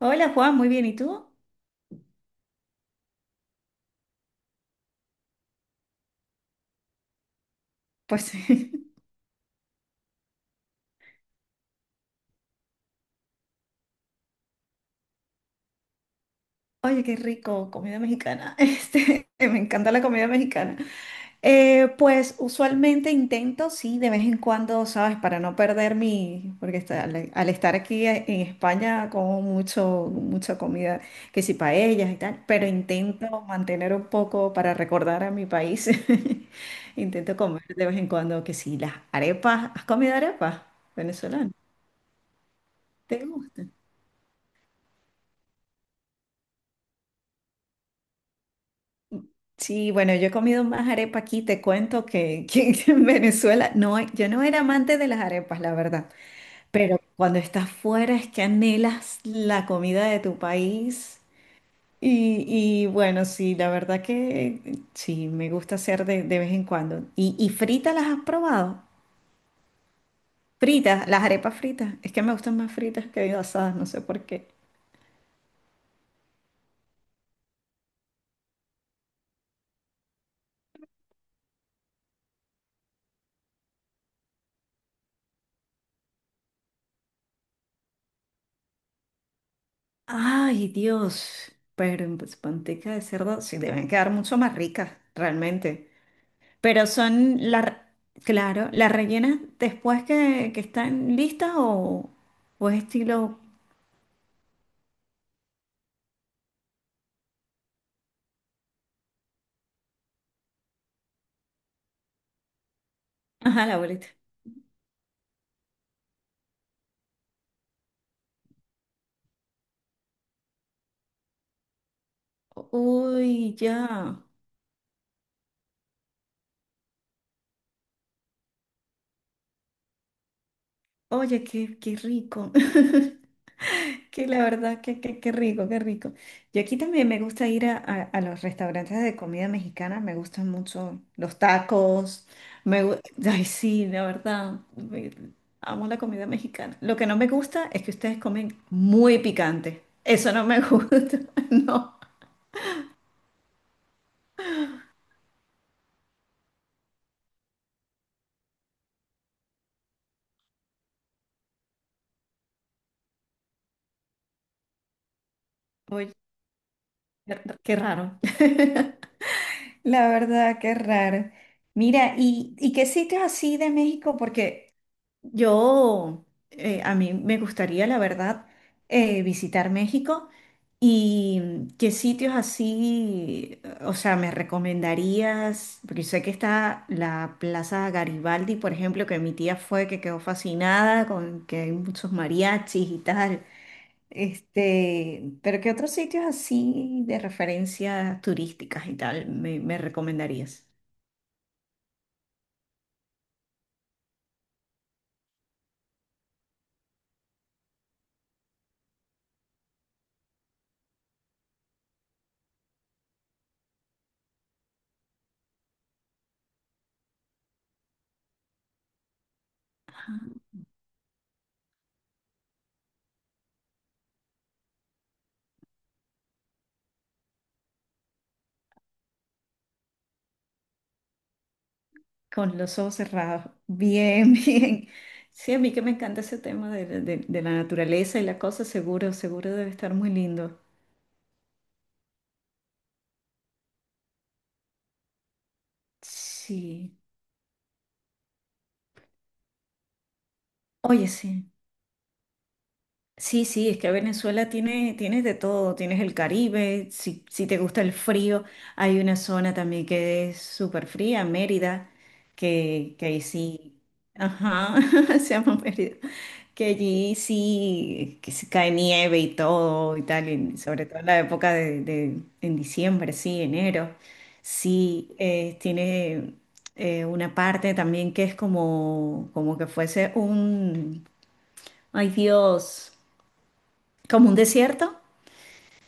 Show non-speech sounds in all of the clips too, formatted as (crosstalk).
Hola Juan, muy bien, ¿y tú? Pues (laughs) Oye, qué rico, comida mexicana. (laughs) Este, me encanta la comida mexicana. Pues usualmente intento, sí, de vez en cuando, ¿sabes? Para no perder mi, porque al estar aquí en España como mucho, mucha comida, que si paellas y tal, pero intento mantener un poco para recordar a mi país. (laughs) Intento comer de vez en cuando, que si las arepas, ¿has comido arepas venezolanas? ¿Te gustan? Sí, bueno, yo he comido más arepa aquí, te cuento que (laughs) en Venezuela, no, yo no era amante de las arepas, la verdad, pero cuando estás fuera es que anhelas la comida de tu país y, y bueno, sí, la verdad que sí, me gusta hacer de vez en cuando. Y fritas las has probado? Fritas, las arepas fritas, es que me gustan más fritas que asadas, no sé por qué. Ay, Dios, pero en pues, manteca de cerdo, sí, deben quedar mucho más ricas, realmente. Pero son las, claro, las rellenas después que están listas o es estilo, (laughs) ajá, la bolita. Uy, ya. Oye, qué rico. (laughs) Que la verdad, que rico, qué rico. Yo aquí también me gusta ir a los restaurantes de comida mexicana, me gustan mucho los tacos, me, gu- (laughs) ay sí, la verdad, amo la comida mexicana. Lo que no me gusta es que ustedes comen muy picante, eso no me (laughs) gusta, no. Oye, qué qué raro. (laughs) La verdad, qué raro. Mira, y qué sitios así de México? Porque yo, a mí me gustaría, la verdad, visitar México y qué sitios así, o sea, me recomendarías, porque sé que está la Plaza Garibaldi, por ejemplo, que mi tía fue, que quedó fascinada con que hay muchos mariachis y tal. Este, pero ¿qué otros sitios así de referencias turísticas y tal me, me recomendarías? Con los ojos cerrados. Bien, (laughs) bien. Sí, a mí que me encanta ese tema de la naturaleza y la cosa, seguro, seguro debe estar muy lindo. Sí. Oye, sí. Sí, sí, es que Venezuela tiene, tienes de todo. Tienes el Caribe, si, si te gusta el frío, hay una zona también que es súper fría, Mérida, que ahí sí. Ajá, (laughs) se llama Mérida. Que allí sí, que se cae nieve y todo y tal, y sobre todo en la época en diciembre, sí, enero, sí, tiene una parte también que es como, como que fuese un, ay Dios, como un desierto,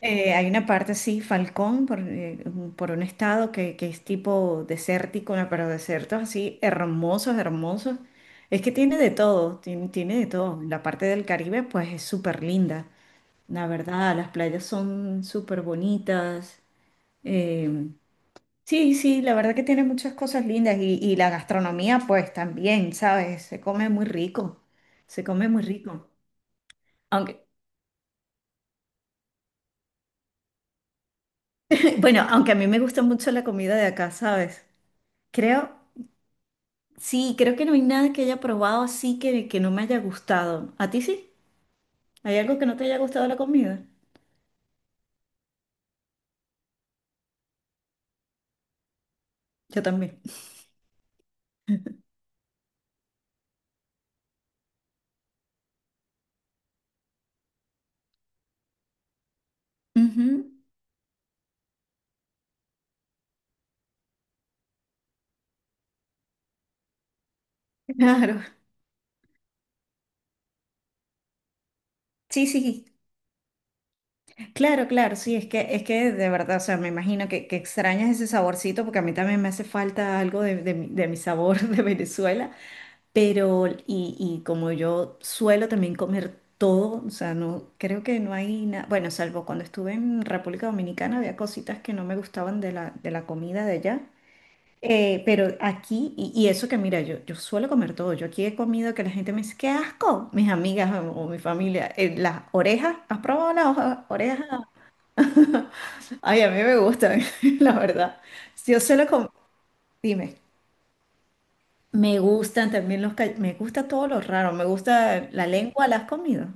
hay una parte, sí, Falcón, por, un por un estado que es tipo desértico, ¿no? Pero desiertos así hermosos, hermosos. Es que tiene de todo, tiene, tiene de todo. La parte del Caribe, pues es súper linda, la verdad. Las playas son súper bonitas. Eh, sí, sí, la verdad que tiene muchas cosas lindas. Y la gastronomía, pues también, ¿sabes? Se come muy rico, se come muy rico. Aunque, (laughs) (clears throat) bueno, aunque a mí me gusta mucho la comida de acá, ¿sabes? Creo. Sí, creo que no hay nada que haya probado así que no me haya gustado. ¿A ti sí? ¿Hay algo que no te haya gustado la comida? Yo también. Ujú, (laughs) claro. Sí, sí. Claro, claro, sí, es que de verdad, o sea, me imagino que extrañas ese saborcito porque a mí también me hace falta algo de mi sabor (laughs) de Venezuela, pero y como yo suelo también comer todo, o sea, no, creo que no hay nada, bueno, salvo cuando estuve en República Dominicana había cositas que no me gustaban de de la comida de allá. Pero aquí, y eso que mira, yo suelo comer todo. Yo aquí he comido que la gente me dice, qué asco, mis amigas o mi familia. Las orejas, ¿has probado las orejas? Ay, a mí me gustan, (laughs) la verdad. Yo suelo comer, dime, me gustan también los, me gusta todo lo raro, me gusta la lengua, ¿la has comido?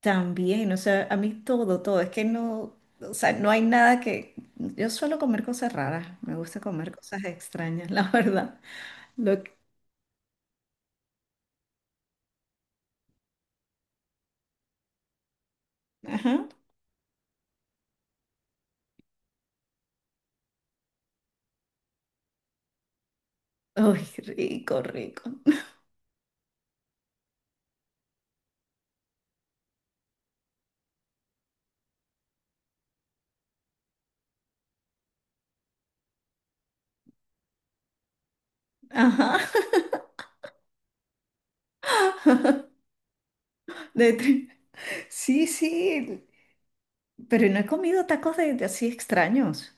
También, o sea, a mí todo, todo. Es que no, o sea, no hay nada que, yo suelo comer cosas raras, me gusta comer cosas extrañas, (laughs) la verdad. Lo, que- ajá. ¡Ay, rico, rico. Ajá. De tri- sí, sí, pero no he comido tacos de así extraños.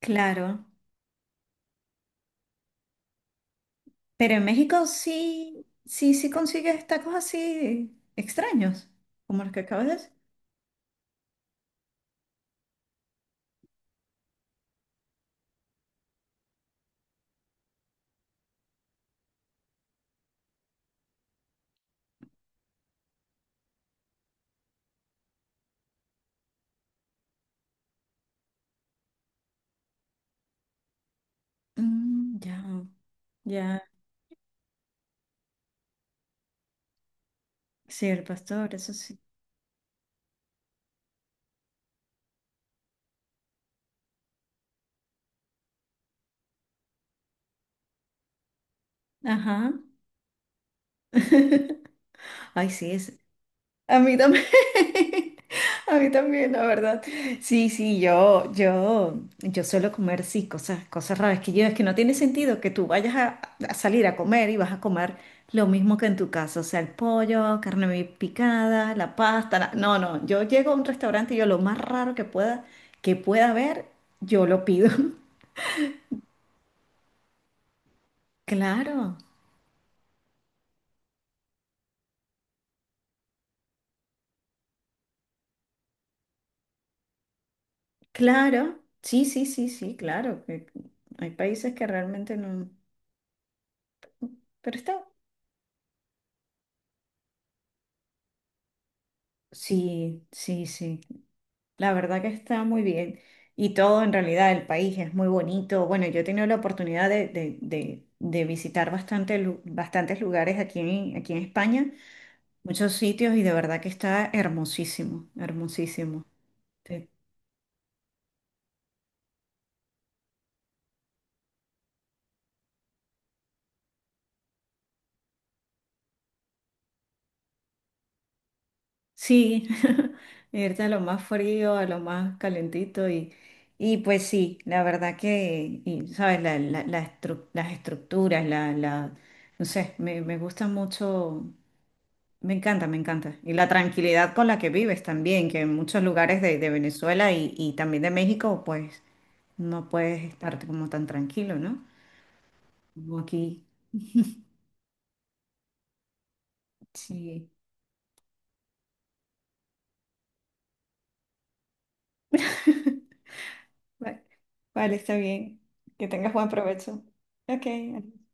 Claro. Pero en México sí, sí, sí consigues tacos así extraños, como los que acabas de decir. Mm, ya, ya. Sí, el pastor, eso sí. Ajá. Ay, sí, es. A mí también. (laughs) A mí también, la verdad. Sí, sí, yo suelo comer, sí, cosas, cosas raras que yo, es que no tiene sentido que tú vayas a salir a comer y vas a comer lo mismo que en tu casa, o sea, el pollo, carne picada, la pasta, la- no, no, yo llego a un restaurante y yo lo más raro que pueda haber, yo lo pido. (laughs) Claro, claro, sí, claro, que hay países que realmente no, pero está, sí, sí, sí. La verdad que está muy bien. Y todo en realidad, el país es muy bonito. Bueno, yo he tenido la oportunidad de visitar bastante, bastantes lugares aquí en, aquí en España, muchos sitios y de verdad que está hermosísimo, hermosísimo. Te- sí, (laughs) irte a lo más frío, a lo más calentito y pues sí, la verdad que, y, ¿sabes? Las estructuras, la, no sé, me gusta mucho. Me encanta, me encanta. Y la tranquilidad con la que vives también, que en muchos lugares de Venezuela y también de México, pues no puedes estar como tan tranquilo, ¿no? Como aquí. Sí. (laughs) Vale, vale, está bien. Que tengas buen provecho. Ok, vale.